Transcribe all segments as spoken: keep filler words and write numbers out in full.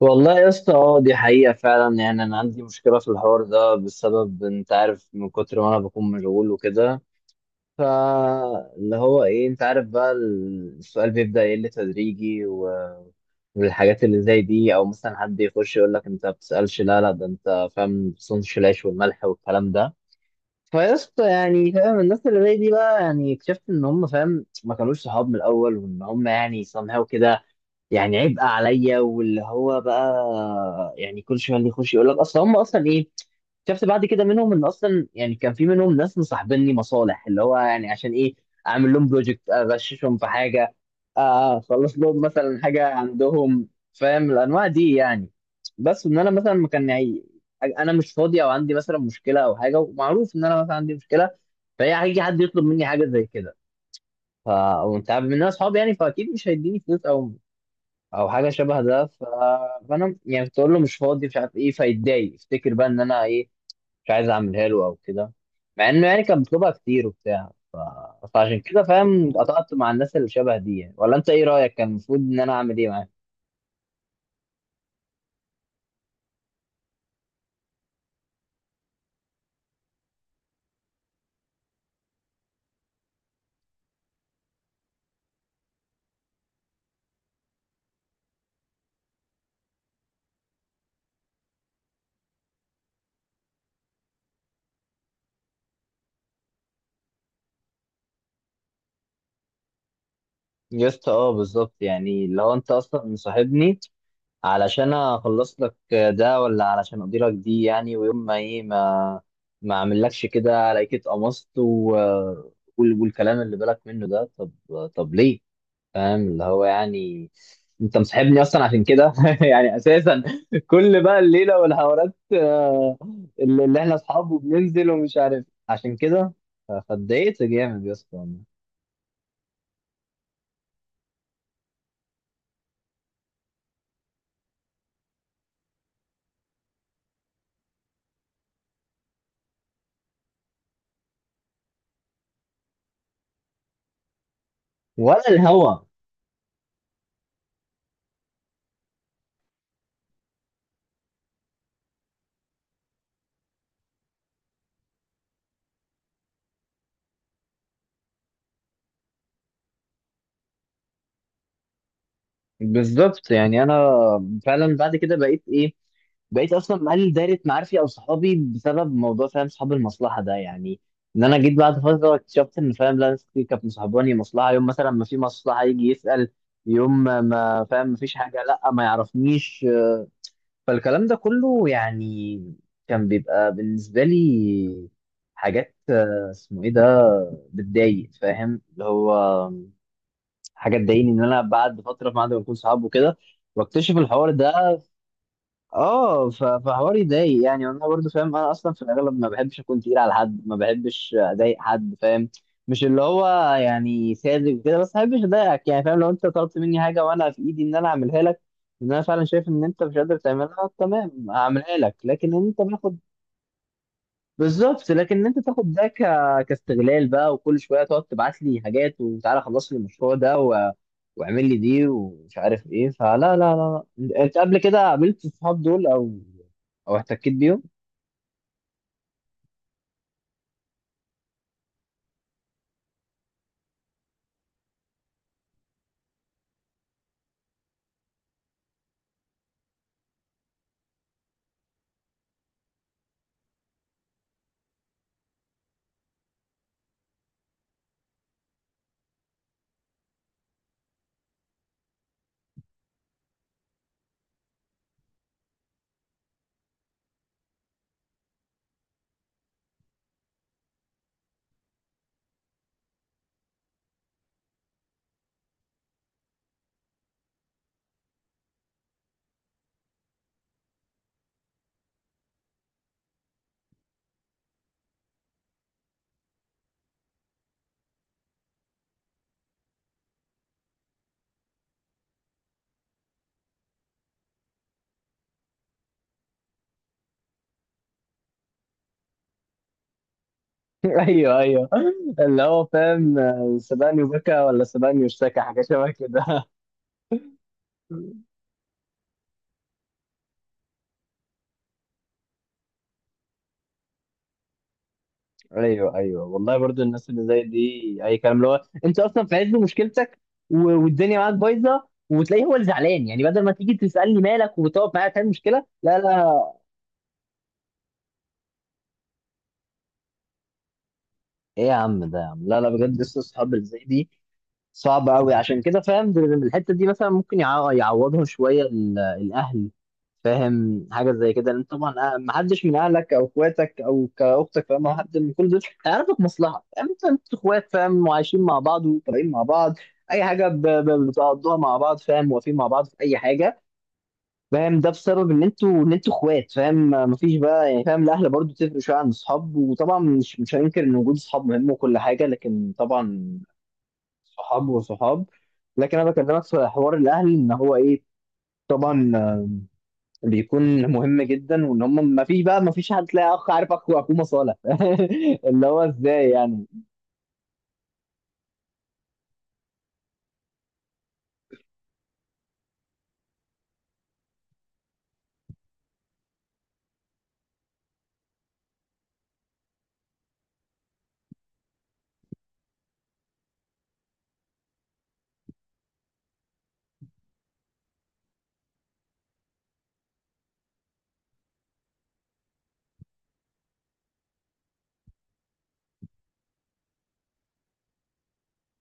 والله يا اسطى، اه دي حقيقة فعلا. يعني أنا عندي مشكلة في الحوار ده بسبب، أنت عارف، من كتر ما أنا بكون مشغول وكده. فاللي هو إيه، أنت عارف، بقى السؤال بيبدأ يقل تدريجي و- والحاجات اللي زي دي، أو مثلا حد يخش يقول لك أنت ما بتسألش. لا لا، ده أنت فاهم بتصونش العيش والملح والكلام ده. فيا اسطى، يعني فاهم الناس اللي زي دي بقى، يعني اكتشفت إن هم، فاهم، ما كانوش صحاب من الأول، وإن هم يعني somehow كده يعني عبء عليا. واللي هو بقى يعني كل شويه اللي يخش يقول لك اصل هم اصلا ايه. شفت بعد كده منهم ان اصلا يعني كان في منهم ناس مصاحبيني مصالح، اللي هو يعني عشان ايه؟ اعمل لهم بروجكت، اغششهم في حاجه، آه، اخلص لهم مثلا حاجه عندهم، فاهم الانواع دي يعني. بس ان انا مثلا ما كان يعني انا مش فاضي، او عندي مثلا مشكله او حاجه، ومعروف ان انا مثلا عندي مشكله. فهي هيجي حد يطلب مني حاجه زي كده ف وانت عارف ان انا اصحابي، يعني فاكيد مش هيديني فلوس او او حاجه شبه ده ف. فانا يعني كنت اقول له مش فاضي، مش عارف ايه، فيتضايق يفتكر بقى ان انا ايه، مش عايز اعملها له او كده. مع انه يعني كان بيطلبها كتير وبتاع ف. فعشان كده، فاهم، قطعت مع الناس اللي شبه دي يعني. ولا انت ايه رايك؟ كان المفروض ان انا اعمل ايه معاه؟ يا اسطى اه بالظبط. يعني لو انت اصلا مصاحبني علشان اخلص لك ده، ولا علشان اقضي لك دي، يعني ويوم ما ايه، ما ما اعملكش كده، الاقيك اتقمصت و وال- والكلام اللي بالك منه ده. طب طب ليه؟ فاهم اللي هو يعني انت مصاحبني اصلا عشان كده يعني اساسا. كل بقى الليله والحوارات آه، اللي اللي احنا اصحاب وبننزل ومش عارف عشان كده ف- فاتضايقت جامد يا اسطى والله. ولا الهوا. بالظبط. يعني انا فعلا بعد كده بقيت ايه، بقيت اصلا مقلل دايره معارفي او صحابي بسبب موضوع، فاهم، صحاب المصلحه ده يعني. ان انا جيت بعد فتره اكتشفت ان، فاهم، لا، ناس كتير كانت مصاحباني مصلحه. يوم مثلا ما في مصلحه يجي يسال، يوم ما ما فاهم ما فيش حاجه لا ما يعرفنيش. فالكلام ده كله يعني كان بيبقى بالنسبه لي حاجات آه، اسمه ايه ده، بتضايق، فاهم اللي هو حاجه تضايقني ان انا بعد فتره بعد ما نكون صحاب وكده واكتشف الحوار ده. اه ف- فحوار يضايق يعني. انا برضو فاهم، انا اصلا في الاغلب ما بحبش اكون تقيل على حد، ما بحبش اضايق حد، فاهم، مش اللي هو يعني ساذج وكده، بس ما بحبش اضايقك يعني. فاهم، لو انت طلبت مني حاجه وانا في ايدي ان انا اعملها لك، ان انا فعلا شايف ان انت مش قادر تعملها، تمام، هعملها لك. لكن ان انت باخد بالظبط. لكن انت تاخد ده ك. كاستغلال بقى، وكل شويه تقعد تبعت لي حاجات وتعالى خلص لي المشروع ده و واعمل لي دي ومش عارف ايه، فلا لا لا لا. انت قبل كده قابلت الصحاب دول او او احتكيت بيهم؟ ايوه ايوه، اللي هو فاهم سبقني وبكى، ولا سبقني واشتكى، حاجه شبه كده. ايوه ايوه والله. برضو الناس اللي زي دي اي كلام. اللي هو انت اصلا في عز مشكلتك و- والدنيا معاك بايظه، وتلاقيه هو اللي زعلان. يعني بدل ما تيجي تسالني مالك وتقعد معايا، تعمل مشكله. لا لا. ايه يا عم ده، يا عم لا لا، بجد لسه اصحاب اللي زي دي صعب قوي. عشان كده، فاهم، ده- ده- الحته دي مثلا ممكن يعو- يعوضهم شويه ال- الاهل، فاهم حاجه زي كده. لان طبعا آه، ما حدش من اهلك او اخواتك او كاختك، فاهم، او حد من كل دول هيعرفك مصلحه. فاهم، انت انت اخوات، فاهم، وعايشين مع بعض وطالعين مع بعض، اي حاجه ب- ب- بتقضوها مع بعض، فاهم، واقفين مع بعض في اي حاجه، فاهم، ده بسبب ان انتوا، ان انتوا اخوات، فاهم. مفيش بقى يعني، فاهم، الاهل برضو تفرق شويه عن الاصحاب. وطبعا مش مش هننكر ان وجود اصحاب مهم وكل حاجه، لكن طبعا صحاب وصحاب. لكن انا بكلمك في حوار الاهل، ان هو ايه، طبعا آه، بيكون مهم جدا. وان هم، ما فيش بقى، ما فيش حد تلاقي اخ، عارف، اخو اخوه مصالح اللي هو ازاي يعني.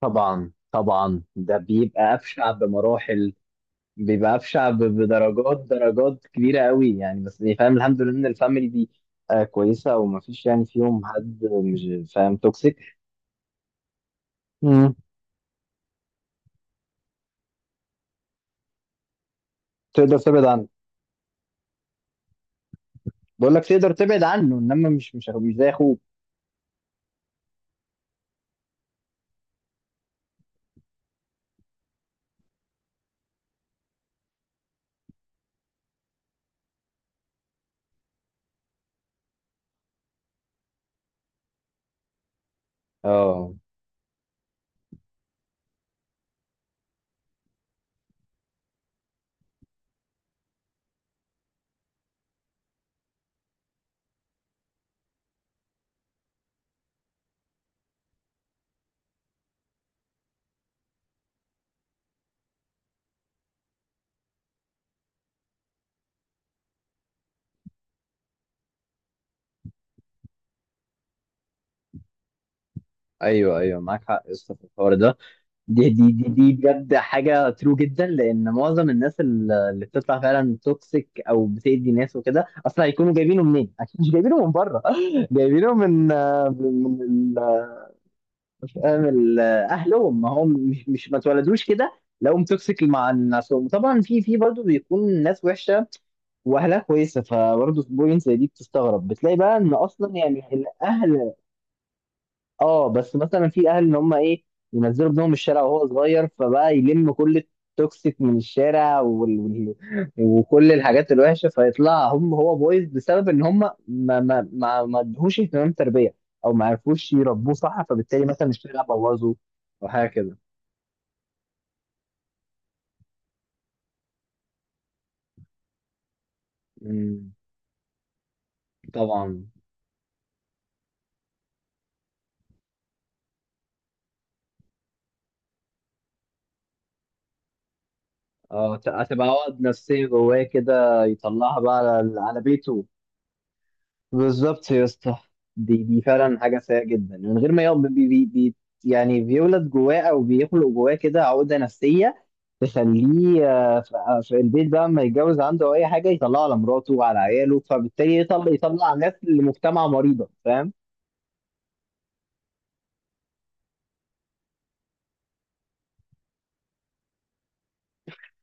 طبعا طبعا، ده بيبقى افشع بمراحل. بيبقى افشع ب- بدرجات، درجات كبيره قوي يعني. بس إيه، فاهم الحمد لله ان الفاميلي دي آه كويسه، وما فيش يعني فيهم حد مش فاهم توكسيك. مم. تقدر تبعد عنه. بقول لك تقدر تبعد عنه، انما مش مش مش زي اخوك. اه، ايوه ايوه، معاك حق يا اسطى في الحوار ده. دي دي دي دي بجد حاجه ترو جدا، لان معظم الناس ال- اللي بتطلع فعلا توكسيك او بتأذي ناس وكده، اصلا هيكونوا جايبينه منين؟ اكيد مش جايبينه من بره. جايبينه من آه، من من ال- فاهم ال- اهلهم. ما هم مش مش ما اتولدوش كده لقوهم توكسيك مع الناس. طبعا في في برضه بيكون ناس وحشه واهلها كويسه، فبرضه في بوينت زي دي بتستغرب، بتلاقي بقى ان اصلا يعني الاهل. اه بس مثلا في اهل ان هم ايه، ينزلوا ابنهم الشارع وهو صغير، فبقى يلم كل التوكسيك من الشارع وال... وال... وكل الحاجات الوحشه، فيطلع هم هو بويز بسبب ان هم ما ما ما ما ادوهوش اهتمام تربيه، او ما عرفوش يربوه صح، فبالتالي مثلا الشارع بوظه او حاجه كده. امم. طبعا. اه ت- هتبقى عقد نفسيه جواه كده، يطلعها بقى على على بيته. بالظبط يا اسطى. دي دي فعلا حاجه سيئه جدا، من غير ما يقعد بي بي بي يعني بيولد جواه او بيخلق جواه كده عقده نفسيه تخليه آه، ف- آه، في البيت بقى لما يتجوز، عنده او اي حاجه يطلعه على مراته وعلى عياله، فبالتالي يطلع يطلع ناس لمجتمع مريضه، فاهم.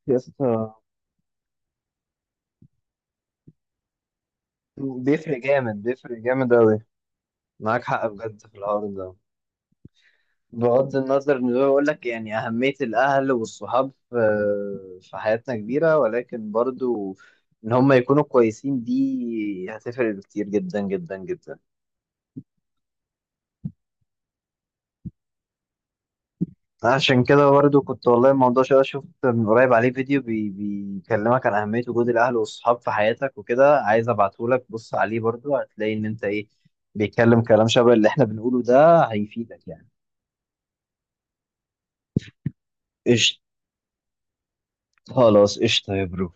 يا اسطى، بيفرق جامد، بيفرق جامد قوي. معاك حق بجد في الحوار ده. بغض النظر ان هو يقول لك يعني اهميه الاهل والصحاب في في حياتنا كبيره، ولكن برضو ان هم يكونوا كويسين دي هتفرق كتير جدا جدا جدا. عشان كده برضو كنت، والله الموضوع شويه، شفت من قريب عليه فيديو بي بيكلمك عن اهميه وجود الاهل والصحاب في حياتك وكده، عايز ابعته لك. بص عليه برضو، هتلاقي ان انت ايه، بيتكلم كلام شبه اللي احنا بنقوله ده، هيفيدك يعني. قشطة. خلاص قشطة يا برو.